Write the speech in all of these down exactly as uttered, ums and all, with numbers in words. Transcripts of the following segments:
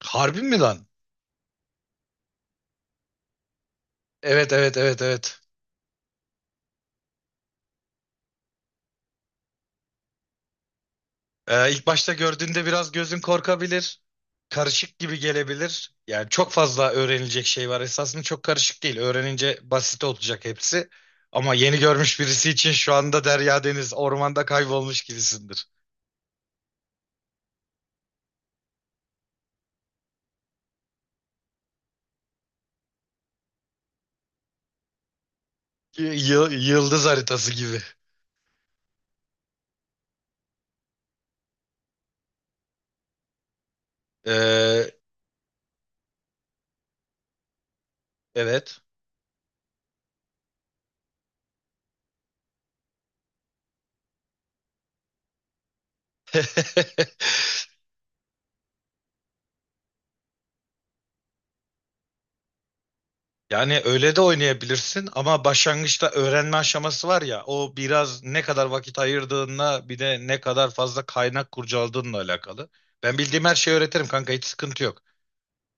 Harbi mi lan? Evet, evet, evet, evet. Ee, ilk başta gördüğünde biraz gözün korkabilir. Karışık gibi gelebilir. Yani çok fazla öğrenilecek şey var. Esasında çok karışık değil. Öğrenince basit olacak hepsi. Ama yeni görmüş birisi için şu anda derya deniz ormanda kaybolmuş gibisindir. Y- yı- yıldız haritası gibi. Ee, evet. Yani öyle de oynayabilirsin ama başlangıçta öğrenme aşaması var ya o biraz ne kadar vakit ayırdığınla bir de ne kadar fazla kaynak kurcaladığınla alakalı. Ben bildiğim her şeyi öğretirim kanka, hiç sıkıntı yok.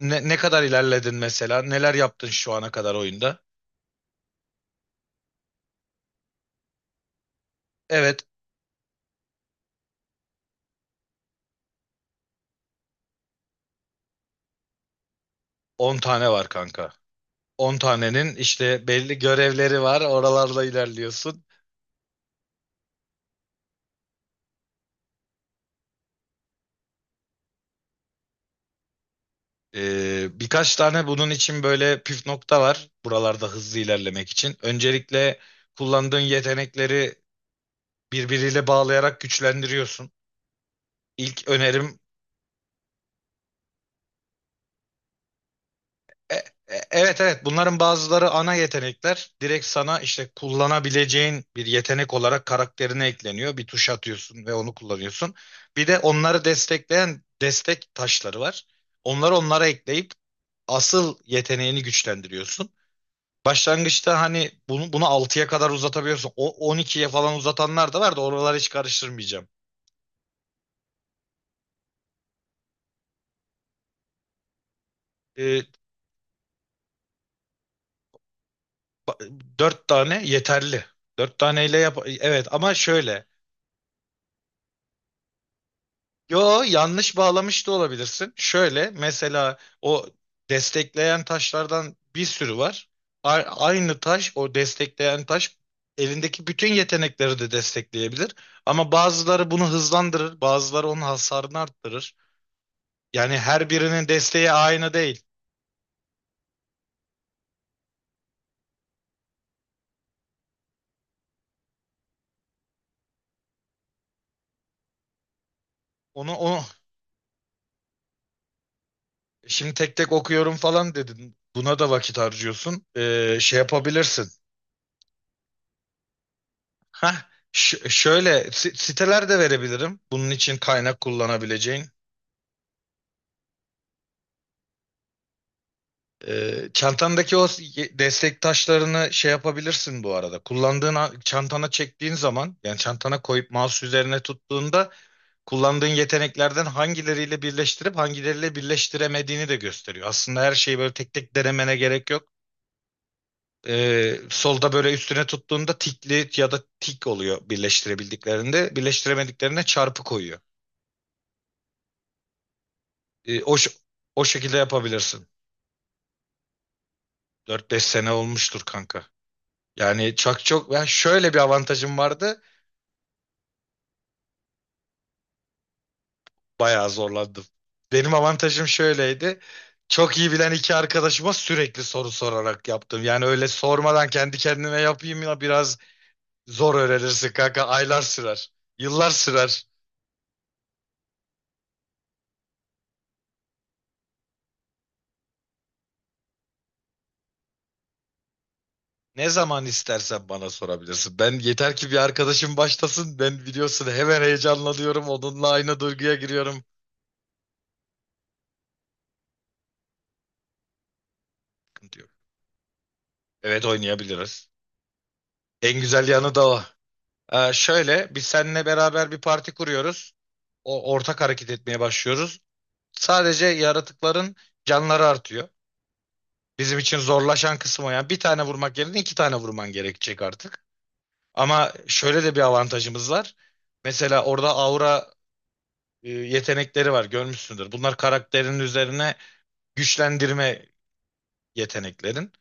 Ne, ne kadar ilerledin mesela, neler yaptın şu ana kadar oyunda? Evet, on tane var kanka. On tanenin işte belli görevleri var, oralarla ilerliyorsun. Ee, birkaç tane bunun için böyle püf nokta var buralarda hızlı ilerlemek için. Öncelikle kullandığın yetenekleri birbiriyle bağlayarak güçlendiriyorsun. İlk önerim e- e- evet, evet, bunların bazıları ana yetenekler. Direkt sana işte kullanabileceğin bir yetenek olarak karakterine ekleniyor. Bir tuş atıyorsun ve onu kullanıyorsun. Bir de onları destekleyen destek taşları var. Onları onlara ekleyip asıl yeteneğini güçlendiriyorsun. Başlangıçta hani bunu bunu altıya kadar uzatabiliyorsun. O on ikiye falan uzatanlar da var da oraları hiç karıştırmayacağım. Ee, Ba- Dört tane yeterli. Dört taneyle yap. Evet ama şöyle. Yo, yanlış bağlamış da olabilirsin. Şöyle mesela o destekleyen taşlardan bir sürü var. A- aynı taş, o destekleyen taş elindeki bütün yetenekleri de destekleyebilir. Ama bazıları bunu hızlandırır, bazıları onun hasarını arttırır. Yani her birinin desteği aynı değil. Onu o şimdi tek tek okuyorum falan dedin. Buna da vakit harcıyorsun. Ee, şey yapabilirsin. Hah, ş- şöyle si- siteler de verebilirim. Bunun için kaynak kullanabileceğin. Ee, çantandaki o s- ye- destek taşlarını şey yapabilirsin bu arada. Kullandığın a- çantana çektiğin zaman, yani çantana koyup mouse üzerine tuttuğunda kullandığın yeteneklerden hangileriyle birleştirip hangileriyle birleştiremediğini de gösteriyor. Aslında her şeyi böyle tek tek denemene gerek yok. Ee, solda böyle üstüne tuttuğunda tikli ya da tik oluyor birleştirebildiklerinde. Birleştiremediklerine çarpı koyuyor. E, o, ş- O şekilde yapabilirsin. Dört beş sene olmuştur kanka. Yani çok çok, ben şöyle bir avantajım vardı. Bayağı zorlandım. Benim avantajım şöyleydi. Çok iyi bilen iki arkadaşıma sürekli soru sorarak yaptım. Yani öyle sormadan kendi kendime yapayım ya, biraz zor öğrenirsin kanka. Aylar sürer. Yıllar sürer. Ne zaman istersen bana sorabilirsin. Ben yeter ki bir arkadaşım başlasın. Ben biliyorsun hemen heyecanlanıyorum. Onunla aynı duyguya giriyorum. Sıkıntı yok. Evet, oynayabiliriz. En güzel yanı da o. Ee, şöyle, biz seninle beraber bir parti kuruyoruz. O ortak hareket etmeye başlıyoruz. Sadece yaratıkların canları artıyor. Bizim için zorlaşan kısmı o. Yani bir tane vurmak yerine iki tane vurman gerekecek artık. Ama şöyle de bir avantajımız var. Mesela orada aura e, yetenekleri var, görmüşsündür. Bunlar karakterin üzerine güçlendirme yeteneklerin.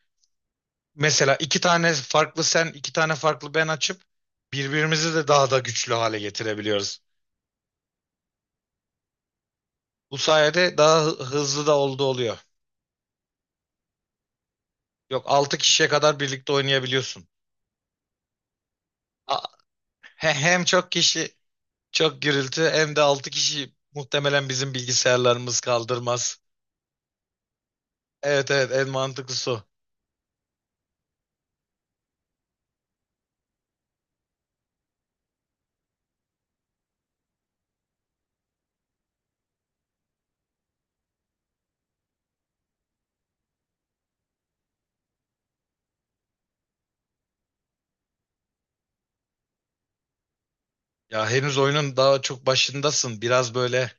Mesela iki tane farklı sen, iki tane farklı ben açıp birbirimizi de daha da güçlü hale getirebiliyoruz. Bu sayede daha hı- hızlı da oldu oluyor. Yok, altı kişiye kadar birlikte oynayabiliyorsun. A- he- Hem çok kişi çok gürültü, hem de altı kişi muhtemelen bizim bilgisayarlarımız kaldırmaz. Evet, evet, en mantıklısı o. Ya henüz oyunun daha çok başındasın. Biraz böyle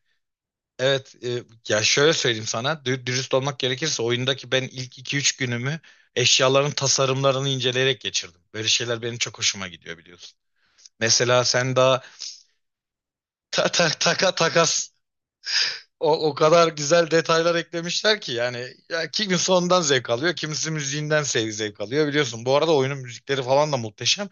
evet, e, ya şöyle söyleyeyim sana, dü- dürüst olmak gerekirse oyundaki ben ilk iki üç günümü eşyaların tasarımlarını inceleyerek geçirdim. Böyle şeyler benim çok hoşuma gidiyor biliyorsun. Mesela sen daha ta ta taka takas. O, o kadar güzel detaylar eklemişler ki, yani ya kimisi ondan zevk alıyor, kimisi müziğinden sev- zevk alıyor biliyorsun. Bu arada oyunun müzikleri falan da muhteşem.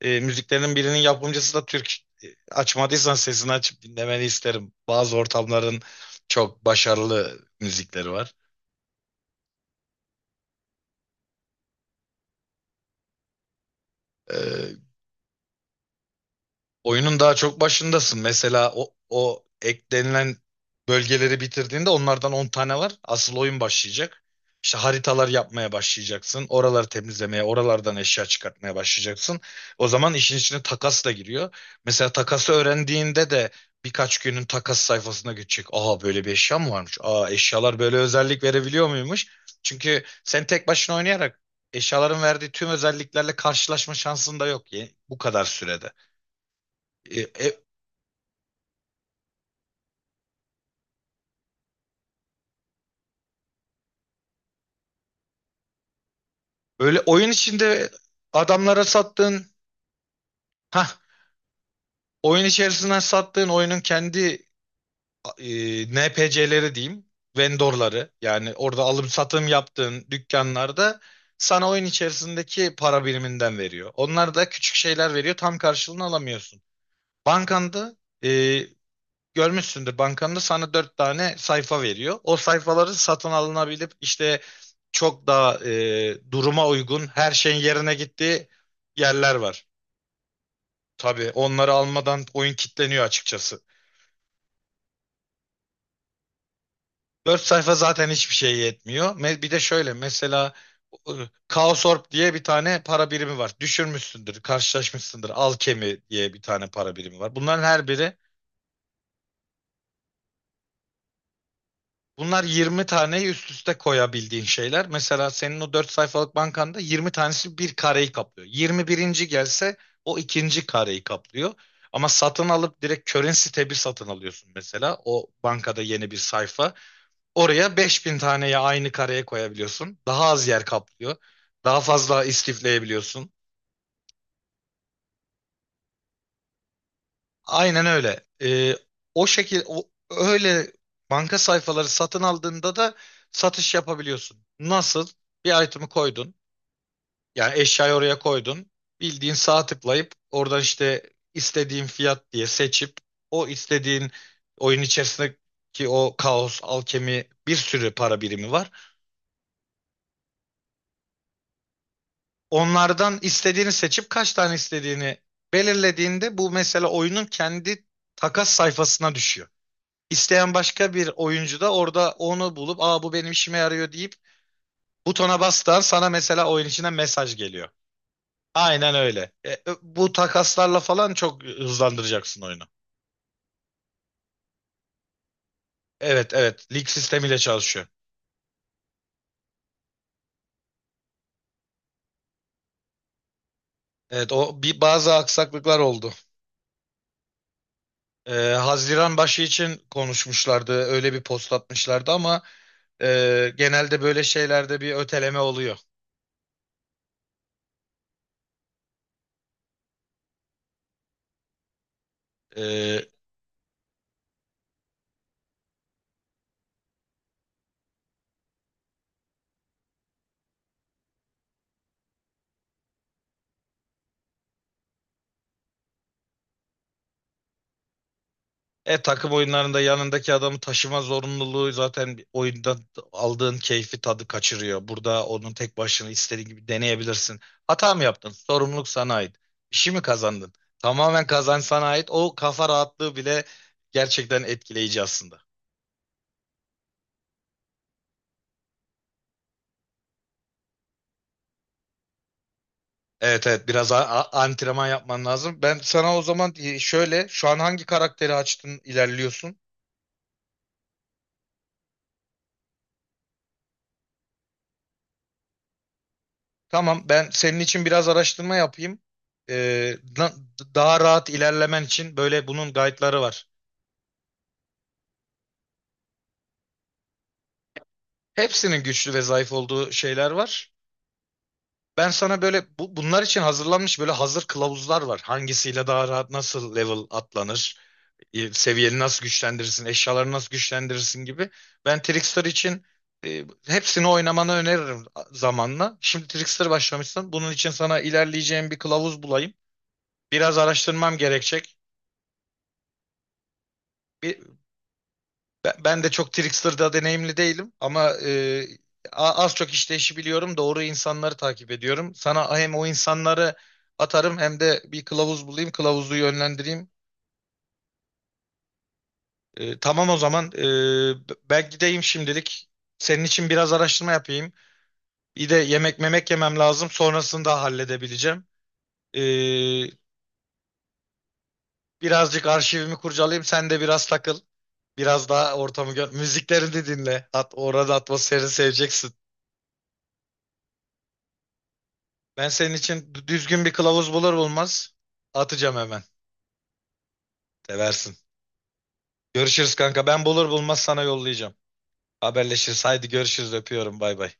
E, müziklerin birinin yapımcısı da Türk. E, Açmadıysan sesini açıp dinlemeni isterim. Bazı ortamların çok başarılı müzikleri var. E, Oyunun daha çok başındasın. Mesela o, o eklenilen bölgeleri bitirdiğinde onlardan on tane var. Asıl oyun başlayacak. İşte haritalar yapmaya başlayacaksın. Oraları temizlemeye, oralardan eşya çıkartmaya başlayacaksın. O zaman işin içine takas da giriyor. Mesela takası öğrendiğinde de birkaç günün takas sayfasına geçecek. Aa, böyle bir eşya mı varmış? Aa, eşyalar böyle özellik verebiliyor muymuş? Çünkü sen tek başına oynayarak eşyaların verdiği tüm özelliklerle karşılaşma şansın da yok ye- bu kadar sürede. E, e, Öyle oyun içinde adamlara sattığın, ha oyun içerisinden sattığın oyunun kendi e, N P C'leri diyeyim, vendorları, yani orada alım satım yaptığın dükkanlarda sana oyun içerisindeki para biriminden veriyor. Onlar da küçük şeyler veriyor, tam karşılığını alamıyorsun. Bankanda e, görmüşsündür, bankanda sana dört tane sayfa veriyor. O sayfaları satın alınabilip işte çok daha e, duruma uygun her şeyin yerine gittiği yerler var. Tabii onları almadan oyun kilitleniyor açıkçası. Dört sayfa zaten hiçbir şey yetmiyor. Me- Bir de şöyle mesela e, Kaosorb diye bir tane para birimi var. Düşürmüşsündür, karşılaşmışsındır. Alkemi diye bir tane para birimi var. Bunların her biri, bunlar yirmi taneyi üst üste koyabildiğin şeyler. Mesela senin o dört sayfalık bankanda yirmi tanesi bir kareyi kaplıyor. Yirmi birinci gelse o ikinci kareyi kaplıyor. Ama satın alıp direkt currency tab'i satın alıyorsun mesela. O bankada yeni bir sayfa. Oraya beş bin taneyi aynı kareye koyabiliyorsun. Daha az yer kaplıyor. Daha fazla istifleyebiliyorsun. Aynen öyle. Ee, o şekil o, öyle banka sayfaları satın aldığında da satış yapabiliyorsun. Nasıl? Bir item'ı koydun. Yani eşyayı oraya koydun. Bildiğin sağa tıklayıp oradan işte istediğin fiyat diye seçip o istediğin oyun içerisindeki o kaos, alkemi, bir sürü para birimi var. Onlardan istediğini seçip kaç tane istediğini belirlediğinde bu mesela oyunun kendi takas sayfasına düşüyor. İsteyen başka bir oyuncu da orada onu bulup, aa bu benim işime yarıyor deyip butona bastığın, sana mesela oyun içine mesaj geliyor. Aynen öyle. E, ö- bu takaslarla falan çok hızlandıracaksın oyunu. Evet, evet, lig sistemiyle çalışıyor. Evet, o bir bazı aksaklıklar oldu. E, Haziran başı için konuşmuşlardı, öyle bir post atmışlardı ama Ee, genelde böyle şeylerde bir öteleme oluyor. Ee, e takım oyunlarında yanındaki adamı taşıma zorunluluğu zaten bir oyunda aldığın keyfi tadı kaçırıyor. Burada onun tek başına istediğin gibi deneyebilirsin. Hata mı yaptın? Sorumluluk sana ait. Bir şey mi kazandın? Tamamen kazanç sana ait. O kafa rahatlığı bile gerçekten etkileyici aslında. Evet, evet, biraz a- a- antrenman yapman lazım. Ben sana o zaman e, şöyle, şu an hangi karakteri açtın, ilerliyorsun? Tamam, ben senin için biraz araştırma yapayım. Ee, na- Daha rahat ilerlemen için böyle bunun guide'ları var. Hepsinin güçlü ve zayıf olduğu şeyler var. Ben sana böyle bu, bunlar için hazırlanmış böyle hazır kılavuzlar var. Hangisiyle daha rahat nasıl level atlanır, e, seviyeni nasıl güçlendirirsin, eşyaları nasıl güçlendirirsin gibi. Ben Trickster için e, hepsini oynamanı öneririm a- zamanla. Şimdi Trickster başlamışsın. Bunun için sana ilerleyeceğim bir kılavuz bulayım. Biraz araştırmam gerekecek. Bir, Ben, ben de çok Trickster'da deneyimli değilim ama e, a- az çok işte işi biliyorum. Doğru insanları takip ediyorum. Sana hem o insanları atarım, hem de bir kılavuz bulayım, kılavuzu yönlendireyim. E, tamam o zaman, e, b- ben gideyim şimdilik. Senin için biraz araştırma yapayım. Bir de yemek memek yemem lazım. Sonrasını da halledebileceğim. E, Birazcık arşivimi kurcalayayım. Sen de biraz takıl. Biraz daha ortamı gör. Müziklerini dinle. At, orada atmosferini seveceksin. Ben senin için düzgün bir kılavuz bulur bulmaz atacağım hemen. Seversin. Görüşürüz kanka. Ben bulur bulmaz sana yollayacağım. Haberleşiriz. Haydi görüşürüz. Öpüyorum. Bay bay.